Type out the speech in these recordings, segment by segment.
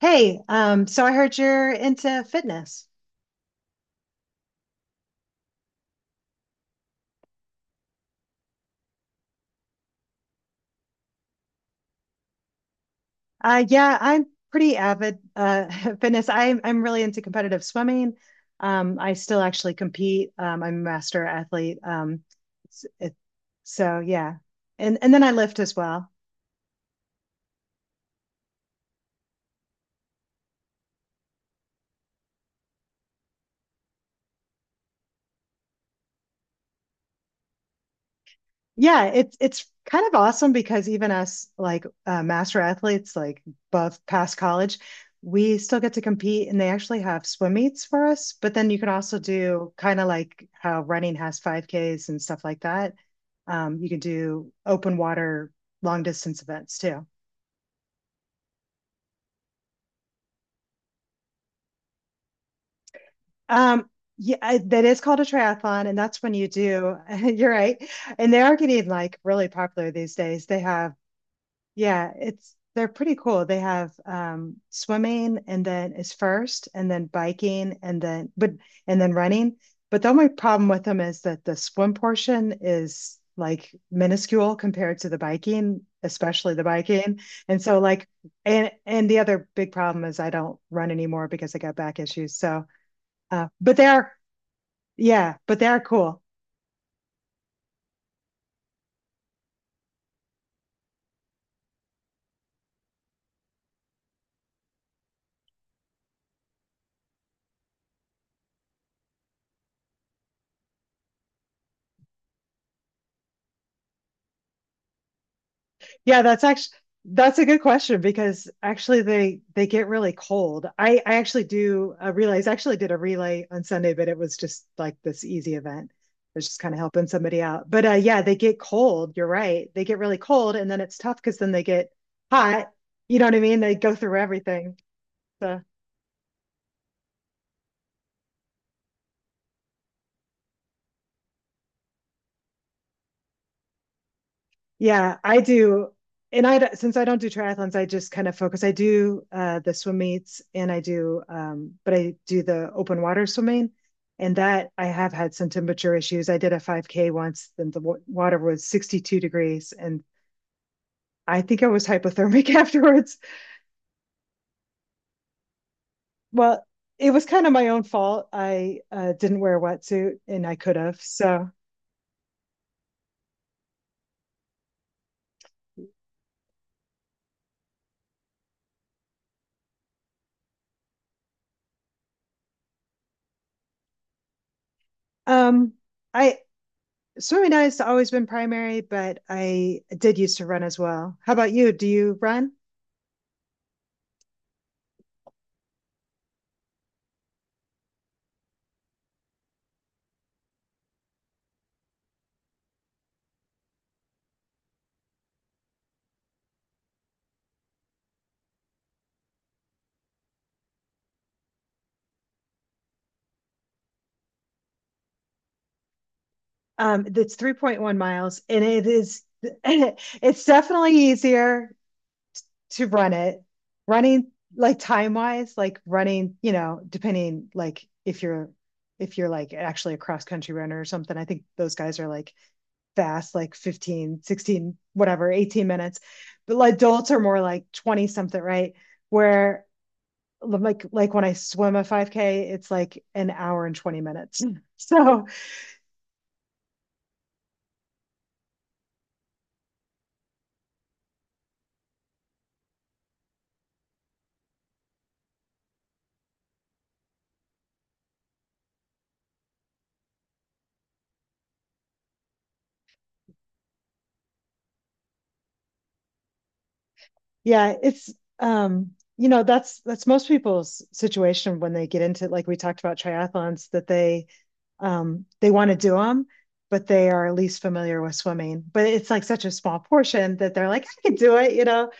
Hey, so I heard you're into fitness. Yeah, I'm pretty avid fitness. I'm really into competitive swimming. I still actually compete. I'm a master athlete. S- it- so yeah, and then I lift as well. Yeah, it's kind of awesome because even us, like, master athletes, like, above past college, we still get to compete, and they actually have swim meets for us. But then you can also do kind of like how running has 5Ks and stuff like that. You can do open water long distance events too. Um, yeah, that is called a triathlon, and that's when you do. You're right, and they are getting, like, really popular these days. They have Yeah, it's they're pretty cool. They have swimming, and then is first, and then biking, and then, but and then running. But the only problem with them is that the swim portion is, like, minuscule compared to the biking, especially the biking. And so like and the other big problem is I don't run anymore because I got back issues. So, but they're yeah, but they're cool. Yeah, that's a good question because actually they get really cold. I actually do relays. I actually did a relay on Sunday, but it was just like this easy event. It was just kind of helping somebody out. But yeah, they get cold. You're right. They get really cold, and then it's tough because then they get hot. You know what I mean? They go through everything. So. Yeah, I do. And I since I don't do triathlons, I just kind of focus. I do the swim meets, and I do the open water swimming. And that I have had some temperature issues. I did a 5K once, and the water was 62 degrees. And I think I was hypothermic afterwards. Well, it was kind of my own fault. I didn't wear a wetsuit, and I could have. So, um, I, swimming and has always been primary, but I did used to run as well. How about you? Do you run? It's 3.1 miles, and it's definitely easier to run it. Running, like, time wise, like running, depending, like, if you're like actually a cross country runner or something. I think those guys are like fast, like 15, 16, whatever, 18 minutes. But like adults are more like 20 something, right? Where like when I swim a 5K, it's like an hour and 20 minutes. So yeah, it's you know that's most people's situation when they get into, like, we talked about triathlons that they want to do them, but they are least familiar with swimming. But it's like such a small portion that they're like, I can do it.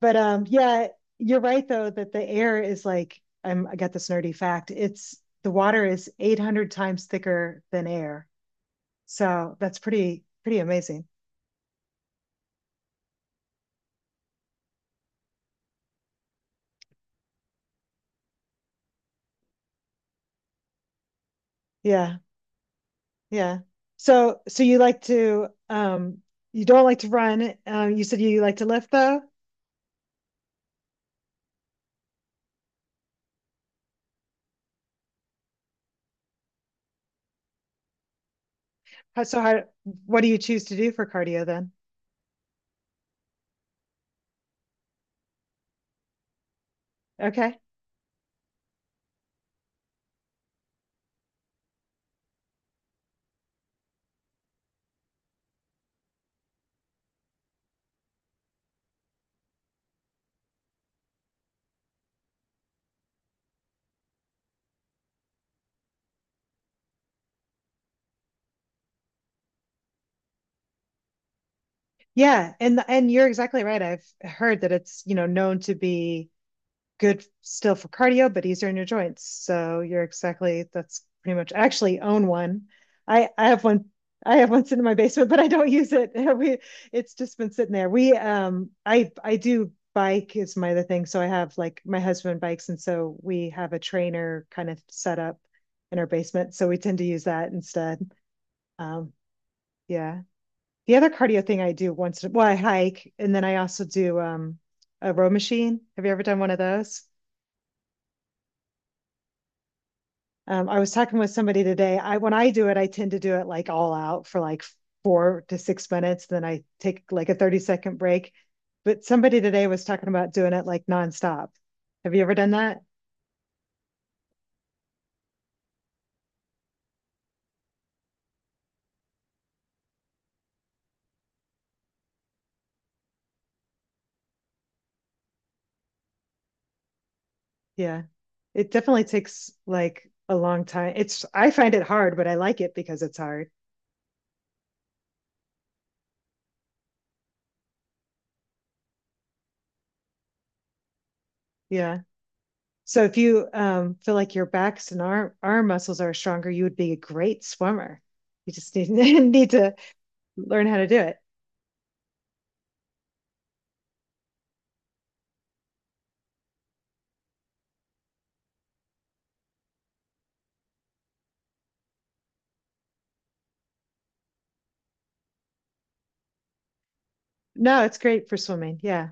But yeah, you're right though that the air is I got this nerdy fact. It's The water is 800 times thicker than air. So that's pretty amazing. Yeah, yeah. So you don't like to run. You said you like to lift though. How- So how What do you choose to do for cardio then? Okay. Yeah, and you're exactly right. I've heard that it's known to be good still for cardio, but easier on your joints. So, you're exactly that's pretty much I actually own one. I I have one I have one sitting in my basement, but I don't use it. We It's just been sitting there. We I do bike is my other thing. So I have, like, my husband bikes, and so we have a trainer kind of set up in our basement. So we tend to use that instead. Um yeah, the other cardio thing I do once, well, I hike, and then I also do a row machine. Have you ever done one of those? I was talking with somebody today. I When I do it, I tend to do it like all out for like 4 to 6 minutes. Then I take like a 30-second break. But somebody today was talking about doing it like nonstop. Have you ever done that? Yeah. It definitely takes like a long time. It's I find it hard, but I like it because it's hard. Yeah. So if you feel like your backs and arm muscles are stronger, you would be a great swimmer. You just need, need to learn how to do it. No, it's great for swimming. Yeah.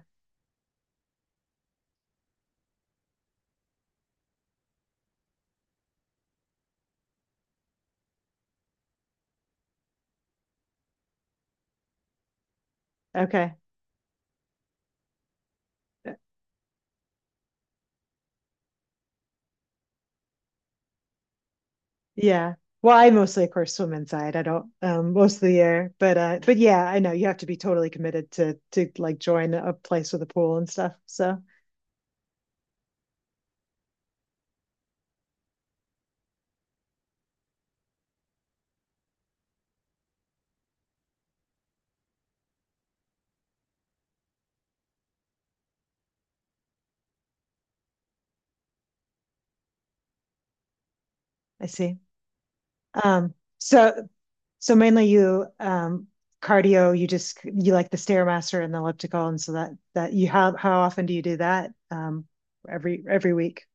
Okay. Yeah. Well, I mostly, of course, swim inside. I don't, most of the year, but but yeah, I know you have to be totally committed to like join a place with a pool and stuff. So I see. Um, so So mainly you cardio, you like the Stairmaster and the elliptical, and so that that you how often do you do that? Every week.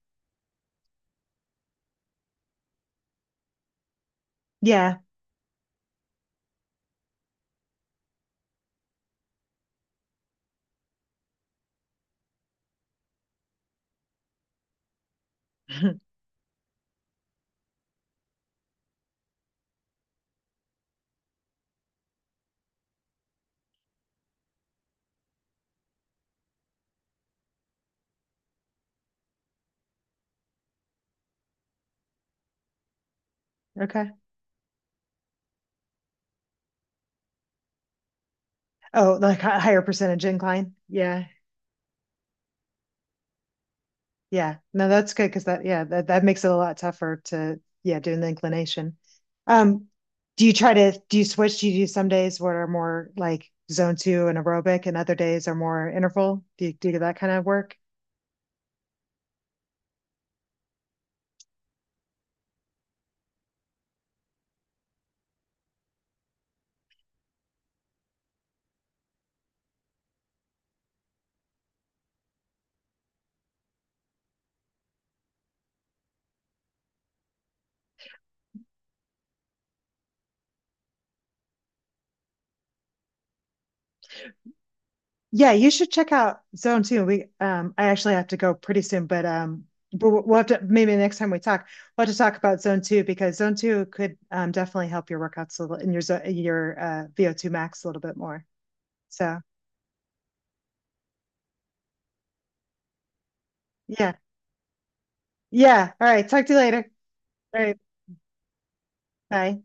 Yeah. Okay. Oh, like higher percentage incline. Yeah. Yeah. No, that's good because that yeah, that makes it a lot tougher to, yeah, doing the inclination. Um, do you switch? Do you do some days what are more like zone two and aerobic and other days are more interval? Do you do that kind of work? Yeah, you should check out Zone Two. We I actually have to go pretty soon, but we'll have to, maybe the next time we talk, we'll have to talk about Zone Two because Zone Two could definitely help your workouts a little, and your your VO2 max a little bit more. So yeah. Yeah. All right. Talk to you later. All right. Bye.